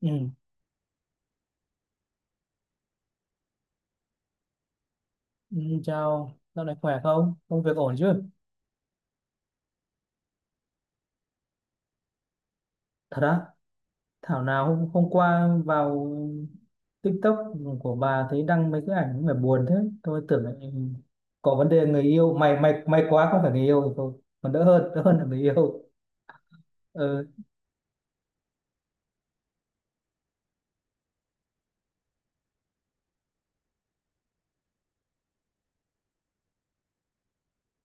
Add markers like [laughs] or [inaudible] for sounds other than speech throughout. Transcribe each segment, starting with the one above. Ừ. ừ, Chào, dạo này khỏe không? Công việc ổn chứ? Thật á? Thảo nào hôm qua vào TikTok của bà thấy đăng mấy cái ảnh mà buồn thế. Tôi tưởng là có vấn đề người yêu. May quá không phải người yêu thì thôi. Còn đỡ hơn là người yêu. Ừ.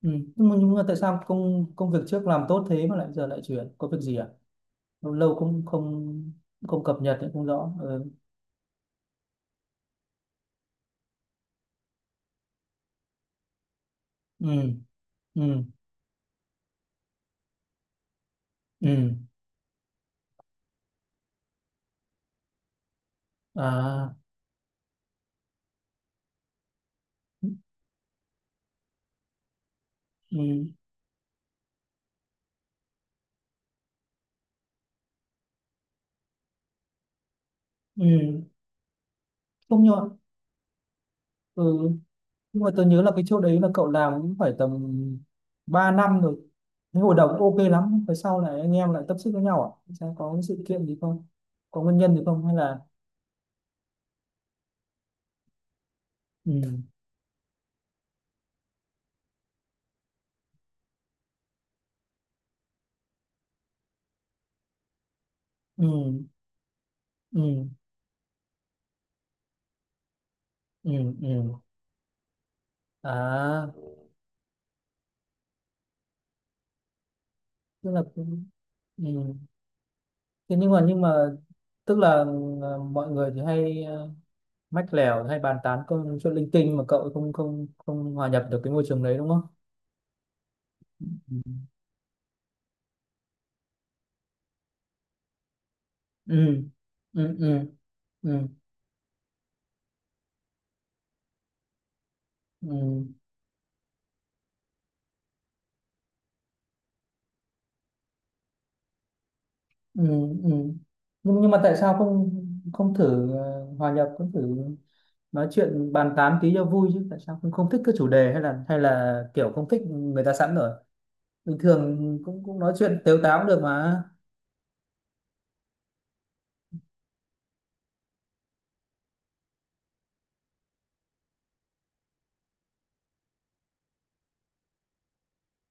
Ừ. Nhưng mà tại sao công công việc trước làm tốt thế mà lại giờ lại chuyển? Có việc gì à? Lâu lâu cũng không không cập nhật cũng không rõ. Ừ. Ừ. Ừ. Ừ. À. Ừ. Ừ. Không nhờ ừ. Nhưng mà tôi nhớ là cái chỗ đấy là cậu làm cũng phải tầm 3 năm rồi, cái hồi đầu cũng ok lắm, phải sau này anh em lại tiếp xúc với nhau à, sao có cái sự kiện gì không, có nguyên nhân gì không hay là ừ, ừ, ừ, ừ, ừ, à, tức là cũng- ừ. Thế nhưng mà tức là mọi người thì hay mách lèo hay bàn tán công chuyện linh tinh mà cậu không không không hòa nhập được cái môi trường đấy đúng không, ừ, ừ, ừ, ừ, ừ, ừ. Ừ. Nhưng mà tại sao không không thử hòa nhập, không thử nói chuyện bàn tán tí cho vui chứ, tại sao không không thích cái chủ đề, hay là kiểu không thích người ta sẵn rồi, bình thường cũng cũng nói chuyện tếu táo cũng được mà.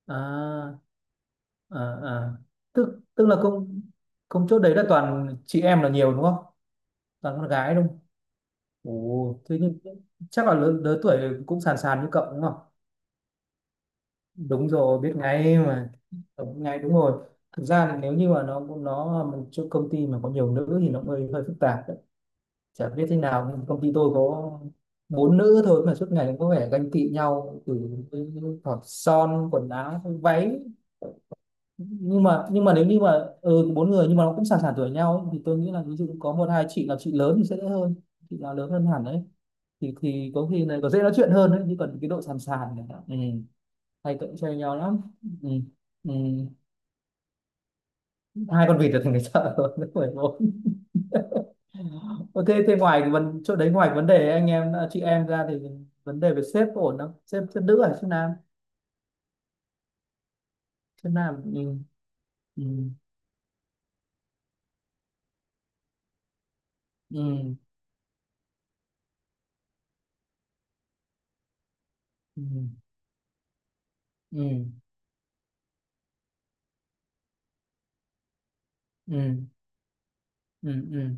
à, À. tức tức là công công chốt đấy là toàn chị em là nhiều đúng không, toàn con gái đúng không? Ồ, thế nhưng chắc là lớn lớn tuổi, cũng sàn sàn như cậu đúng không? Đúng rồi, biết ngay mà. Đúng ngay, đúng rồi. Thực ra thì nếu như mà nó một chỗ công ty mà có nhiều nữ thì nó hơi hơi phức tạp đấy. Chả biết thế nào, công ty tôi có bốn nữ thôi mà suốt ngày cũng có vẻ ganh tị nhau, từ hỏi son, quần áo, váy. Nhưng mà nếu như mà bốn người nhưng mà nó cũng sàn sàn tuổi nhau ấy, thì tôi nghĩ là ví dụ có một hai chị là chị lớn thì sẽ đỡ hơn, chị nào lớn hơn hẳn đấy thì có khi là có dễ nói chuyện hơn đấy, chứ còn cái độ sàn sàn này ừ, thầy cũng chơi nhiều lắm. Ừ. Ừ. Hai con vịt là thành cái chợ rồi [laughs] đến 14. Ờ, thế thế ngoài cái vấn chỗ đấy, ngoài cái vấn đề anh em à, chị em ra thì vấn đề về sếp có ổn không, sếp sếp nữ hay sếp nam? Sếp nam, ừ. Ừ. Ừ. Ừ. Ừ. Ừ. Ừ. Ừ.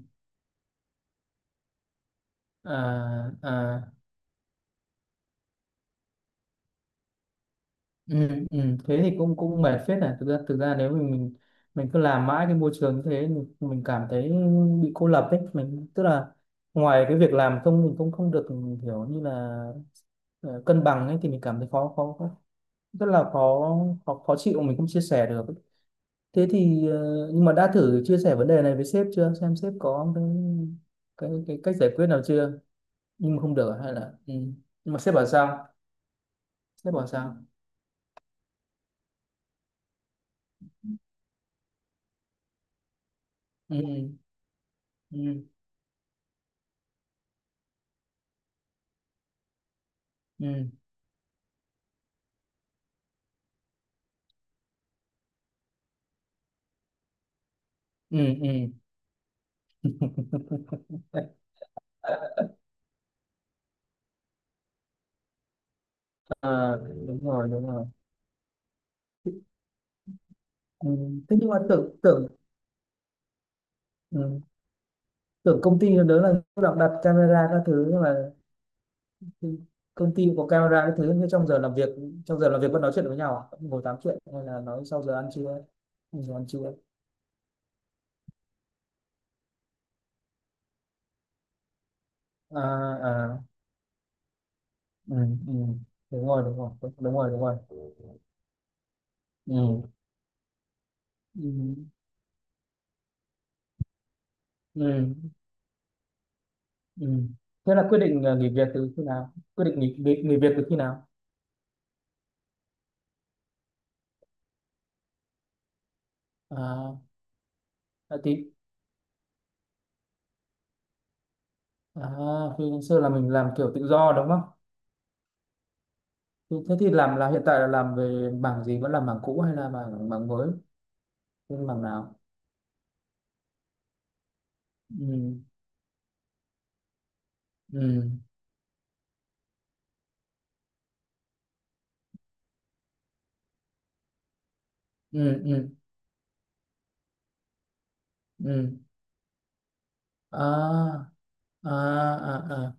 À, à. Ừ, ừ. Thế thì cũng cũng mệt phết này, thực ra nếu mình cứ làm mãi cái môi trường như thế, mình cảm thấy bị cô lập ấy, mình tức là ngoài cái việc làm không mình cũng không được kiểu như là ờ, cân bằng ấy thì mình cảm thấy khó khó khó- rất là khó khó, khó chịu, mình không chia sẻ được. Thế thì nhưng mà đã thử chia sẻ vấn đề này với sếp chưa, xem sếp có cái cách giải quyết nào chưa? Nhưng mà không được à, hay là ừ. Nhưng mà sếp bảo sao, sếp bảo sao? Ừ. Ừ. Ừ. ừ, ừ, [laughs] à, đúng rồi ừ. Thế nhưng mà tưởng tưởng ừ. Tưởng công ty đó là lúc nào cũng đặt camera các thứ nhưng mà công ty có camera các thứ, nhưng trong giờ làm việc, trong giờ làm việc vẫn nói chuyện với nhau à? Vẫn ngồi tám chuyện hay là nói sau giờ ăn trưa? Sau giờ ăn trưa à, à, ừ, ừ. Đúng rồi, đúng rồi, đúng rồi, đúng rồi, ừ. Ừ. Ừ. Ừ. Thế là quyết định nghỉ việc từ khi nào, quyết định nghỉ nghỉ, nghỉ việc từ khi nào? À. À, freelancer là mình làm kiểu tự do đúng không? Thế thế thì làm là hiện tại là làm về mảng gì? Vẫn là mảng cũ hay là mảng mảng mới? Bên mảng nào? Ừ, ừ, ừ, ừ, ừ. À, à, à, à.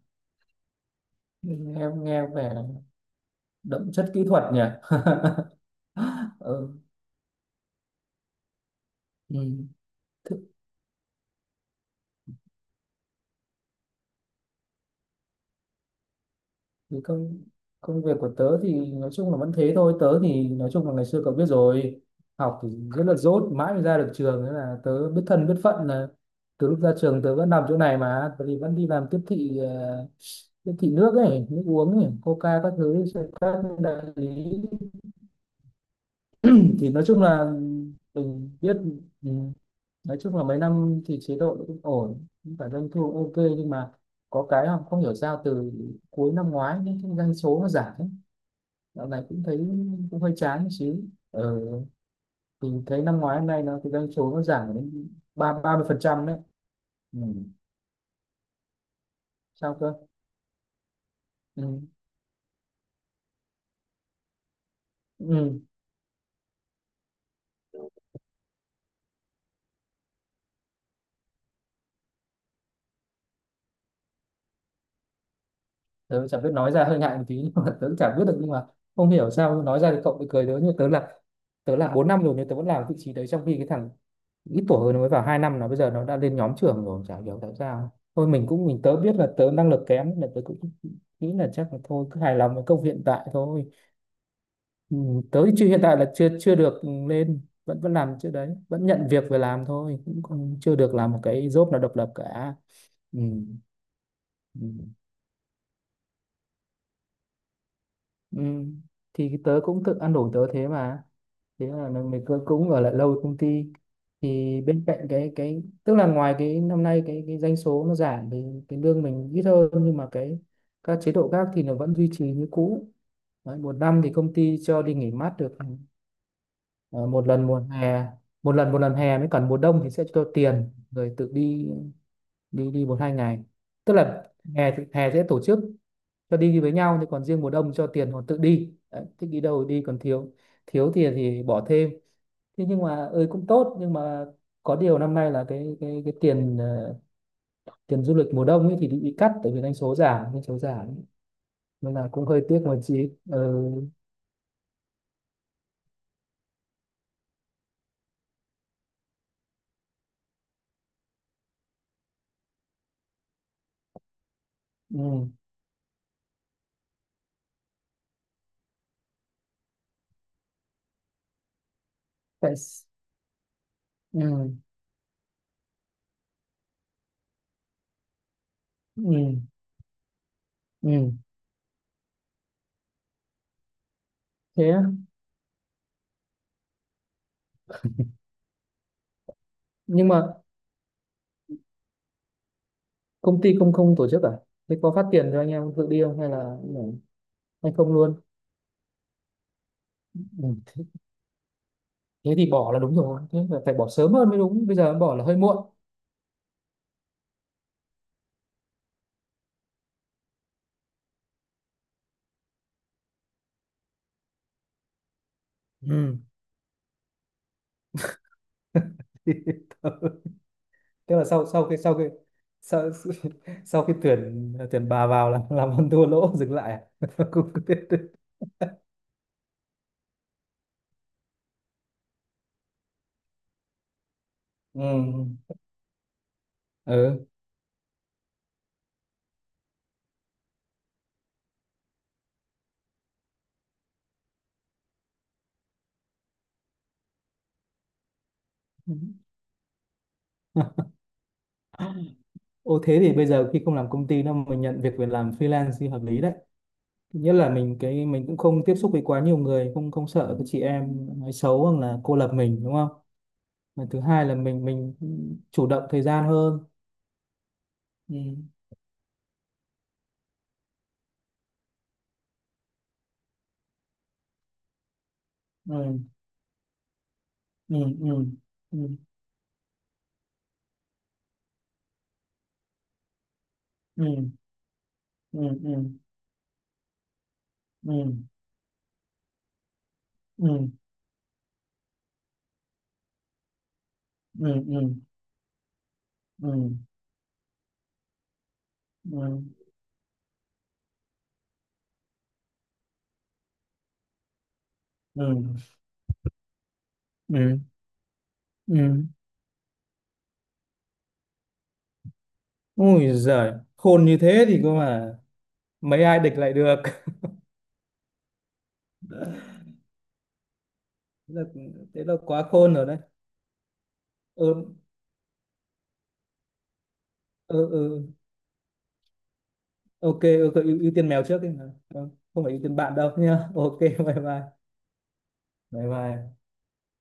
Nghe vẻ đậm chất kỹ thuật nhỉ? [laughs] ừ, ừ. Thì công công việc của tớ thì nói chung là vẫn thế thôi, tớ thì nói chung là ngày xưa cậu biết rồi, học thì rất là dốt mãi mới ra được trường nên là tớ biết thân biết phận là từ lúc ra trường tớ vẫn làm chỗ này, mà tớ thì vẫn đi làm tiếp thị tiếp thị nước ấy, nước uống ấy, coca các thứ cho các đại lý. [clears throat] Thì nói chung là mình biết ừ, nói chung là mấy năm thì chế độ cũng ổn, cũng phải doanh thu ok, nhưng mà có cái không hiểu sao từ cuối năm ngoái những cái doanh số nó giảm, dạo này cũng thấy cũng hơi chán một xíu ờ, thì thấy năm ngoái hôm nay nó cái doanh số nó giảm đến ba ba mươi phần trăm đấy. Ừ. Sao cơ? Ừ. Ừ. Tớ chả biết nói ra hơi ngại một tí nhưng mà [laughs] tớ chả biết được, nhưng mà không hiểu sao nói ra thì cậu bị cười tớ, nhưng mà tớ là bốn năm rồi nhưng tớ vẫn làm vị trí đấy, trong khi cái thằng ít tuổi hơn nó mới vào hai năm là bây giờ nó đã lên nhóm trưởng rồi, chả hiểu tại sao. Thôi mình cũng mình tớ biết là tớ năng lực kém nên là tớ cũng nghĩ là chắc là thôi cứ hài lòng với công việc hiện tại thôi. Ừ, tới chưa, hiện tại là chưa chưa được lên, vẫn vẫn làm chưa đấy, vẫn nhận việc về làm thôi, cũng còn chưa được làm một cái job nào độc lập cả. Ừ. Ừ. Ừ. Thì tớ cũng tự ăn đủ tớ thế mà thế là cũng ở lại lâu công ty thì bên cạnh cái tức là ngoài cái năm nay cái doanh số nó giảm thì cái lương mình ít hơn, nhưng mà cái các chế độ khác thì nó vẫn duy trì như cũ. Đấy, một năm thì công ty cho đi nghỉ mát được Ờ, một lần mùa hè, một lần hè mới, còn mùa đông thì sẽ cho tiền rồi tự đi, đi một hai ngày, tức là hè sẽ tổ chức cho đi với nhau, thì còn riêng mùa đông cho tiền họ tự đi. Đấy, thích đi đâu thì đi, còn thiếu thiếu tiền thì bỏ thêm. Thế nhưng mà ơi cũng tốt, nhưng mà có điều năm nay là cái tiền tiền du lịch mùa đông ấy thì bị cắt, tại vì doanh số giảm, doanh số giảm nên là cũng hơi tiếc một chị, ừ, ừ, tại s- ừ, ừ, ừ. Thế á. Nhưng mà công ty không không tổ chức à, thế có phát tiền cho anh em tự đi không hay là hay không luôn? Ừ. Thế thì bỏ là đúng rồi, thế là phải bỏ sớm hơn mới đúng, bây giờ bỏ là hơi muộn. Ừ. [laughs] Tức là sau sau khi sau khi sau, [laughs] sau khi tuyển tuyển bà vào là làm ăn thua lỗ [laughs] dừng lại à? [laughs] Cũng- ừ. ừ. [laughs] Ô thế thì bây giờ khi không làm công ty đâu, mình nhận việc về làm freelance thì hợp lý đấy, nhất là mình cũng không tiếp xúc với quá nhiều người, không không sợ cái chị em nói xấu hoặc là cô lập mình đúng không, và thứ hai là mình chủ động thời gian hơn ừ, ừ, ừ, ừ, ừ, ừ, ừ, ừ, ừ, ừ, ừ, ừ, ừ, ừ, ừ, ừ, ừ. Ui giời, khôn như thế thì cơ mà mấy ai địch lại được [laughs] thế là, thế là quá khôn rồi đấy, ừ, ừ, ừ. Ok, ok, ưu tiên mèo trước đi. Vâng, không phải ưu tiên bạn đâu nha, ok [laughs] bye bye, bye bye.